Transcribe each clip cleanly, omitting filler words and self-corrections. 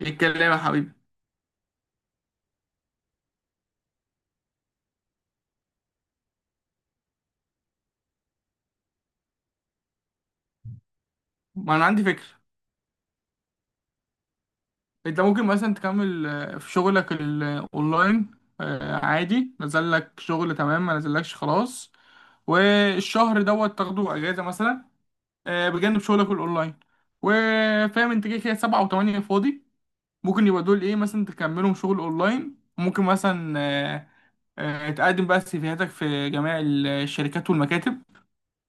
ايه الكلام يا حبيبي. ما انا عندي فكره. انت ممكن مثلا تكمل في شغلك الاونلاين. عادي نزل لك شغل، تمام، ما نزلكش خلاص. والشهر دوت تاخده اجازه مثلا، بجانب شغلك الاونلاين. وفاهم انت كده كده سبعة وثمانية فاضي، ممكن يبقى دول ايه مثلا، تكملهم شغل اونلاين. ممكن مثلا تقدم بقى سيفيهاتك في جميع الشركات والمكاتب،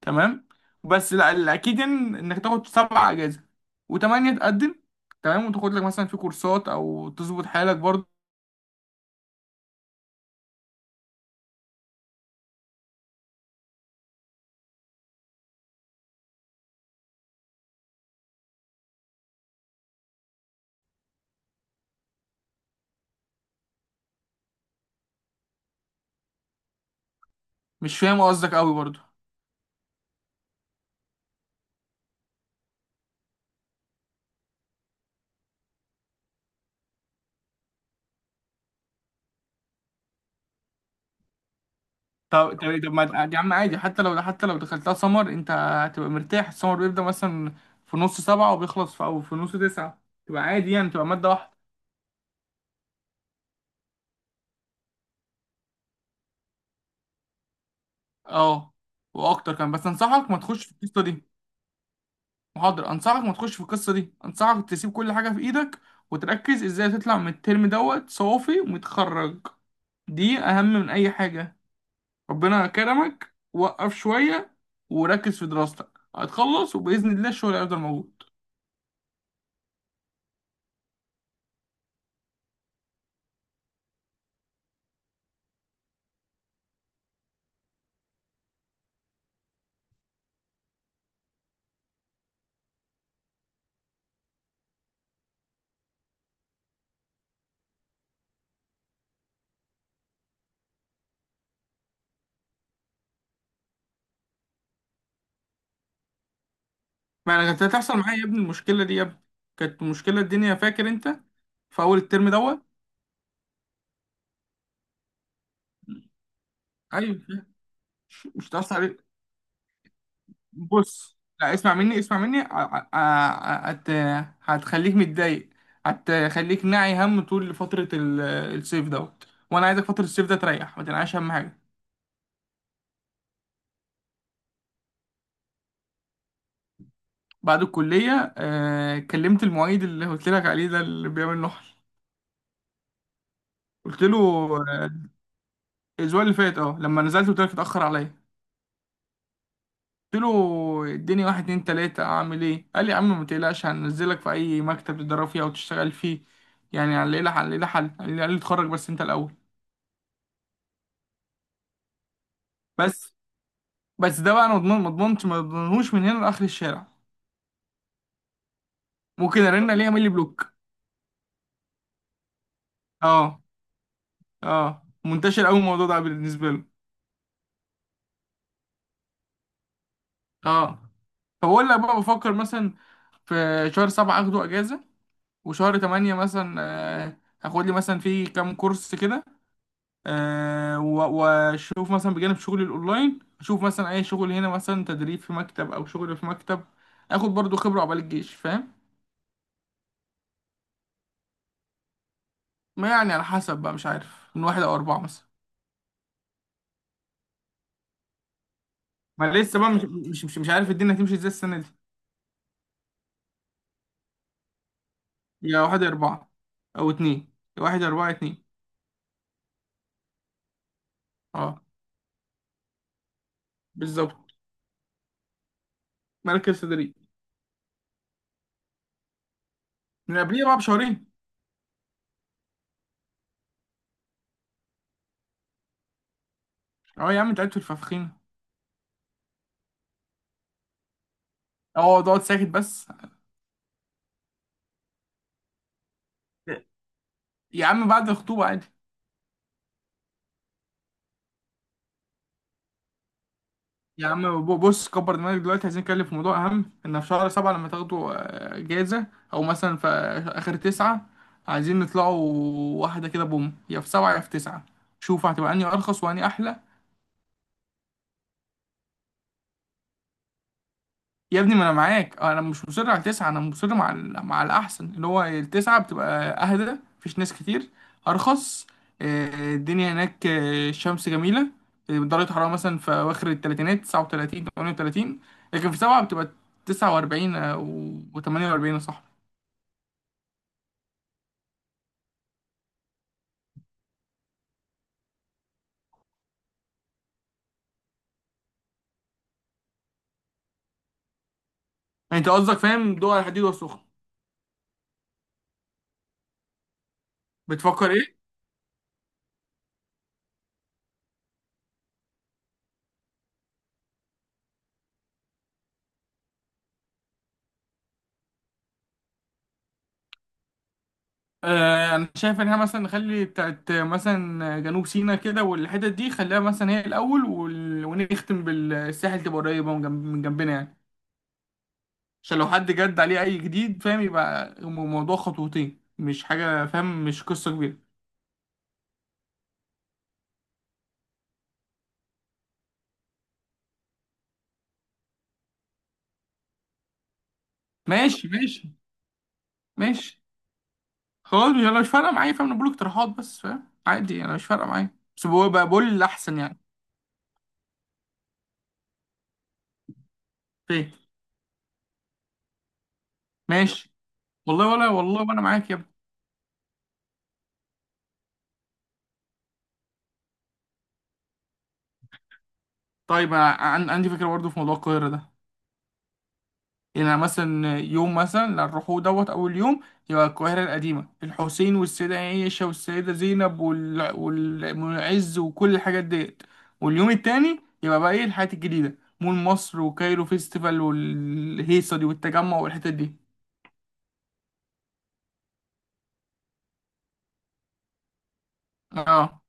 تمام. بس لا، الاكيد انك تاخد سبع اجازه، وثمانيه تقدم، تمام، وتاخد لك مثلا في كورسات او تظبط حالك برضه. مش فاهم قصدك قوي برضه. طب ما يا عم عادي، حتى لو دخلتها سمر انت هتبقى مرتاح. السمر بيبدأ مثلا في نص سبعة، وبيخلص في نص تسعة، تبقى عادي يعني، تبقى مادة واحدة. اه واكتر كمان، بس انصحك ما تخش في القصة دي. محاضرة، انصحك ما تخش في القصة دي، انصحك تسيب كل حاجة في ايدك وتركز ازاي تطلع من الترم دوت صوفي ومتخرج. دي أهم من أي حاجة. ربنا كرمك، وقف شوية وركز في دراستك، هتخلص، وبإذن الله الشغل هيفضل موجود. ما أنا كانت هتحصل معايا يا ابني المشكلة دي، يا ابني كانت مشكلة الدنيا، فاكر أنت، في أول الترم دوت. أيوة. مش هتحصل عليك. بص لا، اسمع مني، اسمع مني هتخليك متضايق، هتخليك ناعي هم طول فترة الصيف دوت، وأنا عايزك فترة الصيف ده تريح، ما تنعيش هم حاجة. بعد الكلية كلمت المعيد اللي قلت لك عليه ده، اللي بيعمل نحل. قلت له، آه، الأسبوع اللي فات، اه، لما نزلت قلت لك اتأخر عليا. قلت له اديني واحد اتنين تلاتة أعمل ايه؟ قال لي يا عم ما تقلقش، هننزلك في أي مكتب تتدرب فيه أو تشتغل فيه، يعني هنلاقي لها حل. قال لي اتخرج بس أنت الأول. بس بس ده بقى، أنا مضمون؟ ما ضمنهوش من هنا لآخر الشارع. ممكن أرن عليه يعمل لي بلوك. اه اه، منتشر أوي الموضوع ده بالنسبة له. اه، فبقول لك بقى، بفكر مثلا في شهر سبعة اخده اجازة، وشهر تمانية مثلا هاخد لي مثلا في كام كورس كده، واشوف مثلا بجانب شغلي الاونلاين، اشوف مثلا اي شغل هنا، مثلا تدريب في مكتب او شغل في مكتب، اخد برضو خبرة عقبال الجيش، فاهم. ما يعني على حسب بقى، مش عارف، من واحد او اربعة مثلا. ما لسه بقى مش عارف الدنيا هتمشي ازاي السنة دي. يا واحد يا اربعة او اتنين، يا واحد يا اربعة يا اتنين. اه بالظبط، مركز تدريب. من قبليها بقى بشهرين. اه يا عم، انت قاعد في الفخفخينة، اه تقعد ساكت بس. يا عم بعد الخطوبة عادي. يا عم بص، كبر دماغك، دلوقتي عايزين نتكلم في موضوع أهم. إن في شهر سبعة لما تاخدوا جايزة، أو مثلا في آخر تسعة، عايزين نطلعوا واحدة كده بوم، يا في سبعة يا في تسعة، شوف هتبقى أنهي أرخص وأنهي أحلى. يا ابني ما انا معاك، انا مش مصر على تسعة، انا مصر مع الاحسن، اللي هو التسعة بتبقى اهدى، مفيش ناس كتير، ارخص، الدنيا هناك، الشمس جميلة، درجة حرارة مثلا في اواخر التلاتينات، 39، 38، لكن في سبعة بتبقى 49 و 48 يا صاحبي. يعني انت قصدك، فاهم، دول على الحديد والسخن. بتفكر ايه؟ انا شايف ان احنا مثلا نخلي بتاعت مثلا جنوب سيناء كده والحتت دي خليها مثلا هي الاول، ونختم بالساحل، تبقى قريبه من جنبنا يعني. عشان لو حد جد عليه اي جديد، فاهم، يبقى الموضوع خطوتين مش حاجه، فاهم، مش قصه كبيره. ماشي، ماشي، ماشي. خلاص انا مش فارقه معايا، فاهم، انا بقول اقتراحات بس، فاهم، عادي، انا مش فارقه معايا، بس بقول الاحسن يعني. فاهم. ماشي. والله، ولا والله، وانا معاك يا ابني. طيب أنا عندي فكره برضه في موضوع القاهره ده، يعني مثلا يوم مثلا اللي هنروحوه دوت أول يوم، يبقى القاهرة القديمة، الحسين والسيدة عائشة والسيدة زينب والمعز وكل الحاجات ديت. واليوم التاني يبقى بقى إيه، الحاجات الجديدة، مول مصر وكايرو فيستيفال والهيصة دي والتجمع والحتت دي. اه،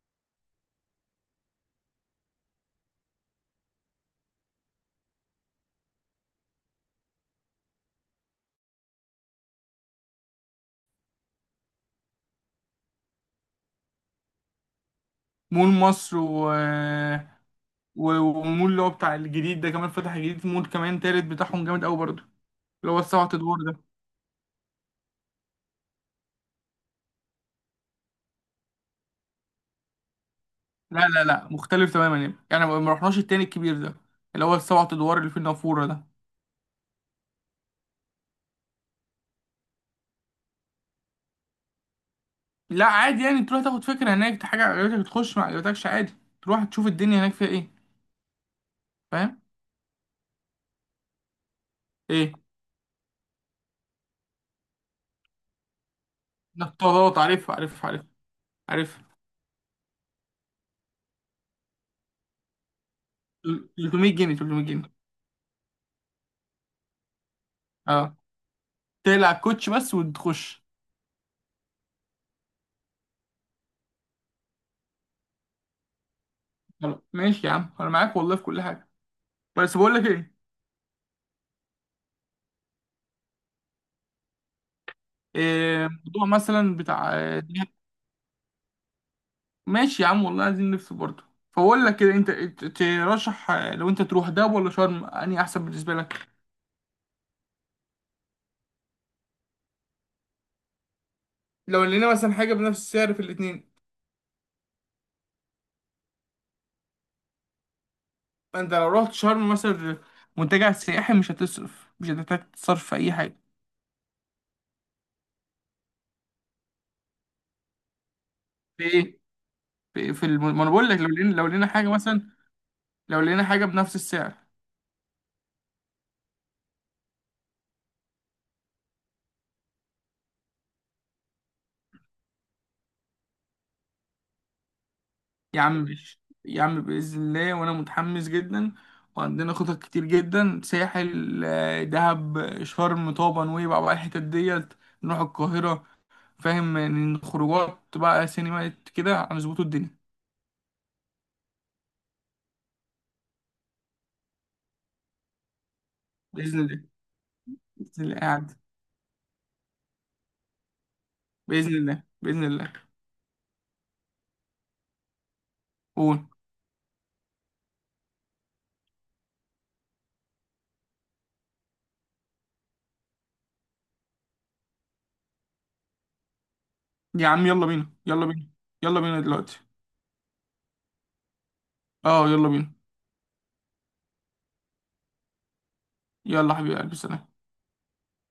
مول مصر و... و- ومول اللي هو بتاع الجديد ده كمان، فتح جديد، مول كمان تالت بتاعهم جامد أوي برضه، اللي هو السبعة أدوار ده. لا لا لا، مختلف تماما يعني، ما رحناش التاني الكبير ده، اللي هو السبع ادوار اللي في النافوره ده. لا عادي يعني، تروح تاخد فكره، هناك حاجه عجبتك تخش، ما عجبتكش عادي، تروح تشوف الدنيا هناك فيها ايه. فاهم. ايه، نطاطات، عارف عارف عارف عارف. 300 جنيه، 300 جنيه. اه، تقلع الكوتش بس وتخش. خلاص ماشي يا عم، انا معاك والله في كل حاجه. بس بقول لك ايه، موضوع مثلا بتاع ماشي يا عم والله، عايزين نلف برضه. فبقول لك كده، انت ترشح، لو انت تروح دهب ولا شرم، انهي احسن بالنسبه لك؟ لو لقينا مثلا حاجه بنفس السعر في الاتنين، انت لو رحت شرم مثلا، منتجع سياحي، مش هتحتاج تصرف في اي حاجه. في ايه؟ ما انا بقول لك، لو لقينا حاجه مثلا، لو لقينا حاجه بنفس السعر. يا عم ماشي يا عم، باذن الله، وانا متحمس جدا، وعندنا خطط كتير جدا، ساحل، دهب، شرم، طابا، نويبع، بقى الحتت ديت، نروح القاهره، فاهم، يعني خروجات، بقى سينمات كده، هنظبطوا الدنيا. بإذن الله، بإذن الله قاعد. بإذن الله، بإذن الله. قول. يا عم يلا بينا، يلا بينا، يلا بينا دلوقتي. اه يلا بينا. يلا حبيبي قلبي، سلام.